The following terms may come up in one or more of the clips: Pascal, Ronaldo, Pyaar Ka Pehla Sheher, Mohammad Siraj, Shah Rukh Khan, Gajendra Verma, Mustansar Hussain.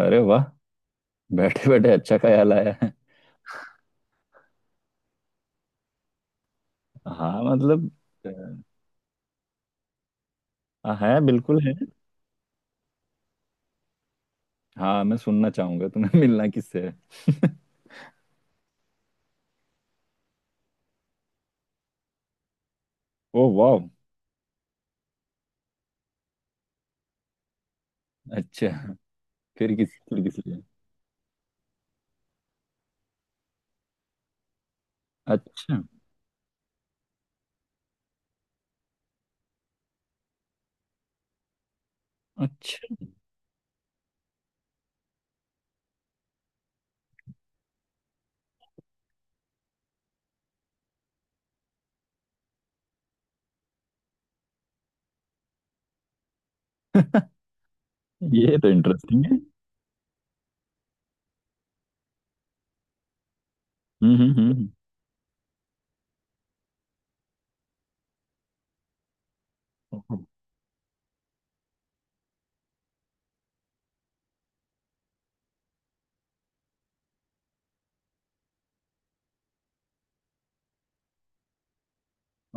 अरे वाह। बैठे बैठे अच्छा ख्याल आया है। हाँ मतलब है बिल्कुल है। हाँ मैं सुनना चाहूंगा तुम्हें। मिलना किससे है? ओ वाह। अच्छा, फिर किस लिए? अच्छा। अच्छा। ये तो इंटरेस्टिंग है। हम्म। ओहो।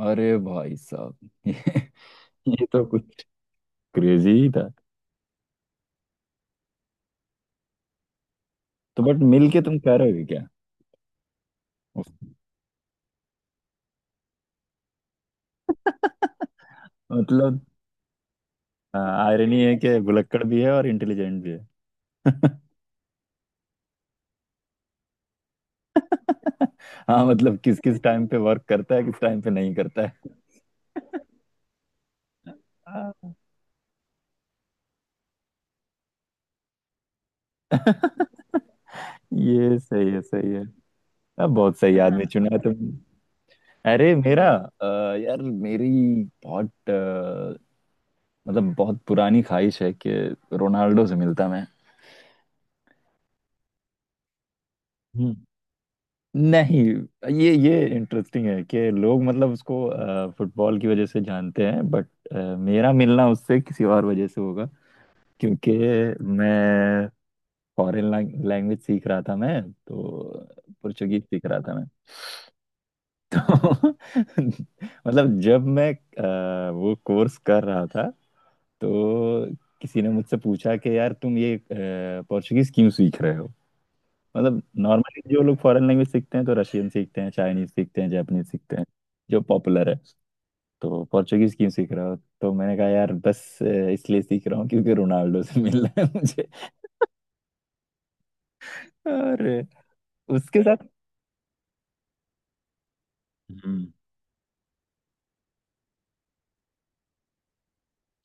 अरे भाई साहब, ये, ये तो कुछ क्रेजी ही था। तो बट मिल के तुम कह रहे हो क्या? उस- मतलब आयरनी है कि भुलक्कड़ भी है और इंटेलिजेंट भी है। हाँ मतलब किस किस टाइम पे वर्क करता है, किस टाइम पे नहीं करता है। हाँ। ये सही है, सही है। अब बहुत सही आदमी हाँ चुना है तुमने। अरे मेरा अ, यार मेरी बहुत मतलब बहुत पुरानी ख्वाहिश है कि रोनाल्डो से मिलता मैं। हम्म। नहीं, ये इंटरेस्टिंग है कि लोग मतलब उसको फुटबॉल की वजह से जानते हैं बट मेरा मिलना उससे किसी और वजह से होगा क्योंकि मैं फॉरेन लैंग्वेज सीख रहा था, मैं तो पुर्तगीज सीख रहा था मैं। तो मतलब जब मैं वो कोर्स कर रहा था तो किसी ने मुझसे पूछा कि यार तुम ये पोर्चुगीज क्यों सीख रहे हो। मतलब नॉर्मली जो लोग फॉरेन लैंग्वेज सीखते हैं तो रशियन सीखते हैं, चाइनीज सीखते हैं, जापानीज सीखते हैं, जो पॉपुलर है। तो पोर्चुगीज क्यों सीख रहे हो? तो मैंने कहा यार बस इसलिए सीख रहा हूँ क्योंकि रोनाल्डो से मिलना है मुझे। और उसके साथ हम्म।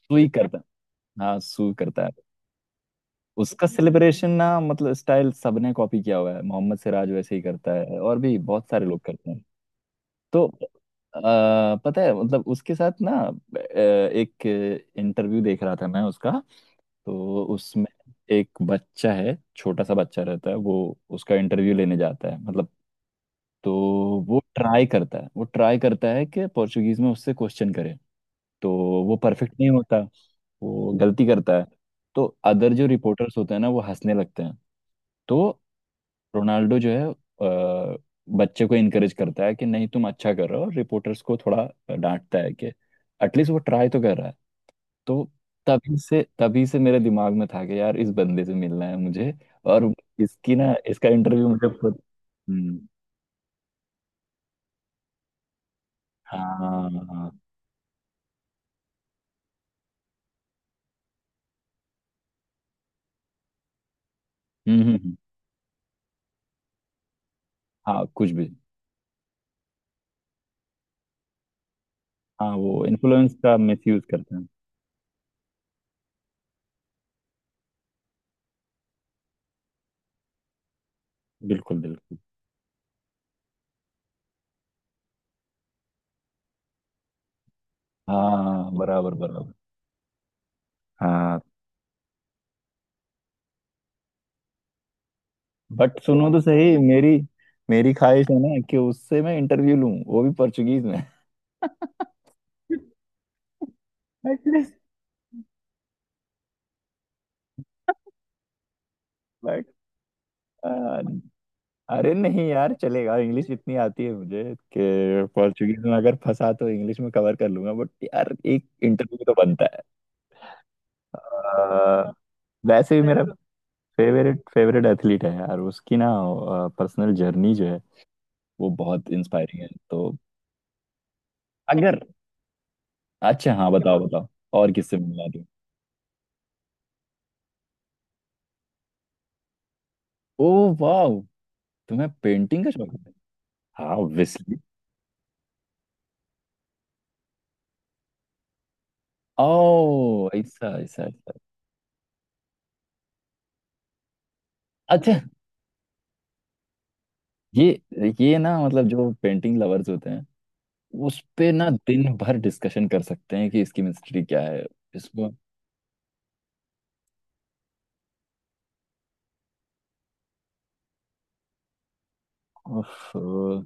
सुई करता, हाँ सू करता है। उसका सेलिब्रेशन ना मतलब स्टाइल सबने कॉपी किया हुआ है। मोहम्मद सिराज वैसे ही करता है और भी बहुत सारे लोग करते हैं। तो आ, पता है मतलब उसके साथ ना एक इंटरव्यू देख रहा था मैं उसका। तो उसमें एक बच्चा है, छोटा सा बच्चा रहता है, वो उसका इंटरव्यू लेने जाता है मतलब। तो वो ट्राई करता है कि पोर्चुगीज में उससे क्वेश्चन करे। तो वो परफेक्ट नहीं होता, वो गलती करता है। तो अदर जो रिपोर्टर्स होते हैं ना वो हंसने लगते हैं। तो रोनाल्डो जो है बच्चे को इनकरेज करता है कि नहीं तुम अच्छा कर रहे हो। रिपोर्टर्स को थोड़ा डांटता है कि एटलीस्ट वो ट्राई तो कर रहा है। तो तभी से मेरे दिमाग में था कि यार इस बंदे से मिलना है मुझे। और इसकी ना इसका इंटरव्यू मुझे खुद। हम्म। हाँ। हाँ। हम्म। हाँ कुछ भी। हाँ वो इन्फ्लुएंस का मिस यूज करते हैं। बिल्कुल बिल्कुल। हाँ बराबर बराबर। हाँ, बट सुनो तो सही मेरी। मेरी ख्वाहिश है ना कि उससे मैं इंटरव्यू लूं, वो भी पोर्चुगीज में। एटलीस्ट बट अरे नहीं यार, चलेगा, इंग्लिश इतनी आती है मुझे कि पोर्चुगीज में अगर फंसा तो इंग्लिश में कवर कर लूंगा। बट यार एक इंटरव्यू तो बनता है। अ, वैसे भी मेरा फेवरेट फेवरेट एथलीट है यार। उसकी ना पर्सनल जर्नी जो है वो बहुत इंस्पायरिंग है। तो अगर। अच्छा हाँ, बताओ बताओ। और किससे मिला दूं? ओ वाह, तुम्हें पेंटिंग का शौक है? हाँ ऑब्वियसली। ओ, ऐसा ऐसा ऐसा। अच्छा, ये ये ना मतलब जो पेंटिंग लवर्स होते हैं उस पे ना दिन भर डिस्कशन कर सकते हैं कि इसकी मिस्ट्री क्या है इसमें। उफ, हाँ।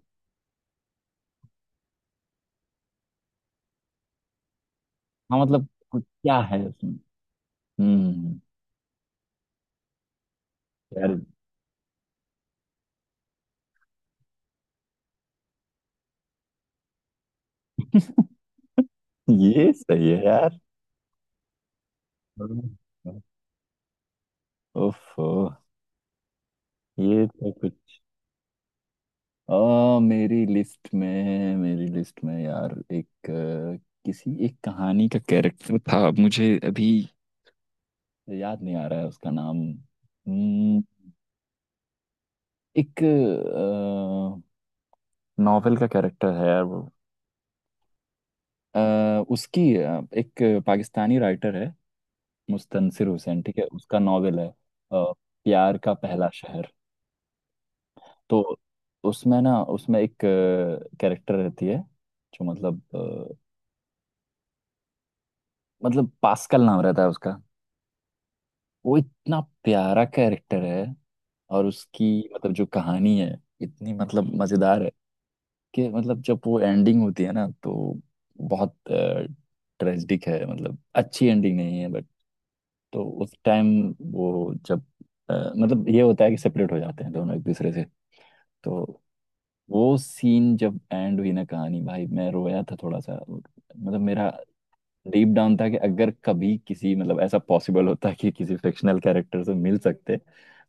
मतलब कुछ क्या है इसमें? हम्म। यार ये सही है यार। उफ, ये तो कुछ। अ, मेरी लिस्ट में है। मेरी लिस्ट में यार एक किसी एक कहानी का कैरेक्टर था, मुझे अभी याद नहीं आ रहा है उसका नाम। एक नॉवेल का कैरेक्टर है यार वो। अ, उसकी एक पाकिस्तानी राइटर है, मुस्तनसिर हुसैन ठीक है, उसका नॉवेल है प्यार का पहला शहर। तो उसमें ना, उसमें एक कैरेक्टर रहती है जो मतलब मतलब पास्कल नाम रहता है उसका। वो इतना प्यारा कैरेक्टर है और उसकी मतलब जो कहानी है इतनी मतलब मजेदार है कि मतलब जब वो एंडिंग होती है ना तो बहुत ट्रेजिक है, मतलब अच्छी एंडिंग नहीं है बट। तो उस टाइम वो जब मतलब ये होता है कि सेपरेट हो जाते हैं दोनों एक दूसरे से। तो वो सीन जब एंड हुई ना कहानी, भाई मैं रोया था थोड़ा सा। मतलब मेरा डीप डाउन था कि अगर कभी किसी मतलब ऐसा पॉसिबल होता कि किसी फिक्शनल कैरेक्टर से मिल सकते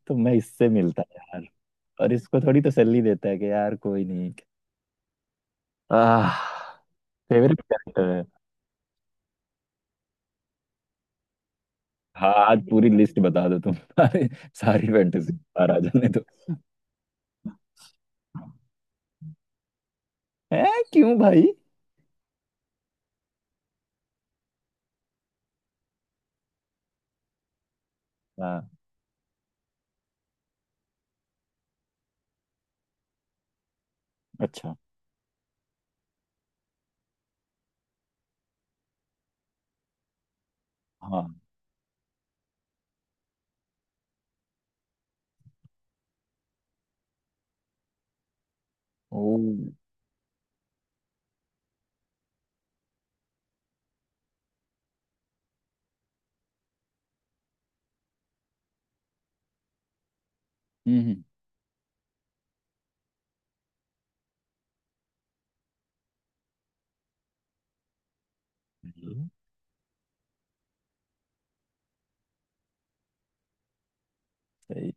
तो मैं इससे मिलता यार। और इसको थोड़ी तसल्ली देता है कि यार कोई नहीं। आह, फेवरेट कैरेक्टर है। हाँ आज पूरी लिस्ट बता दो तुम। सारी सारी फैंटेसी बाहर आ जाने दो। है? क्यों भाई? हाँ। अच्छा। हाँ। ओ। हम्म। हम्म, सही।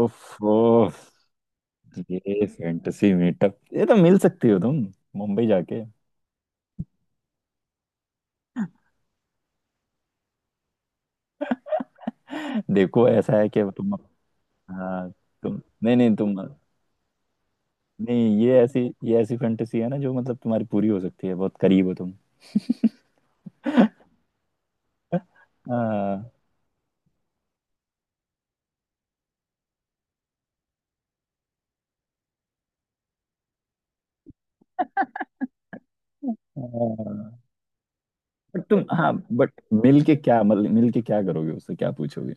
ओफ ओफ। ये फैंटेसी मीटअप, ये तो मिल सकती हो तुम, मुंबई जाके। देखो ऐसा है कि अब तुम। हाँ। तुम नहीं, ये ऐसी ये ऐसी फैंटेसी है ना जो मतलब तुम्हारी पूरी हो सकती है, बहुत करीब हो तुम। हाँ बट तुम, हाँ बट मिल के क्या, मतलब मिल के क्या करोगे उससे, क्या पूछोगे?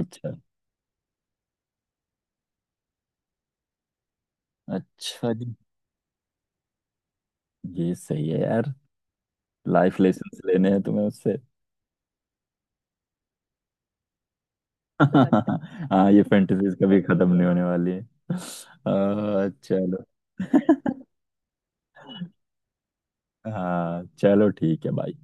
अच्छा, अच्छा जी। ये सही है यार, लाइफ लेसन लेने हैं तुम्हें उससे। हाँ ये फैंटेसीज कभी खत्म नहीं होने वाली है। चलो। हाँ चलो ठीक है भाई।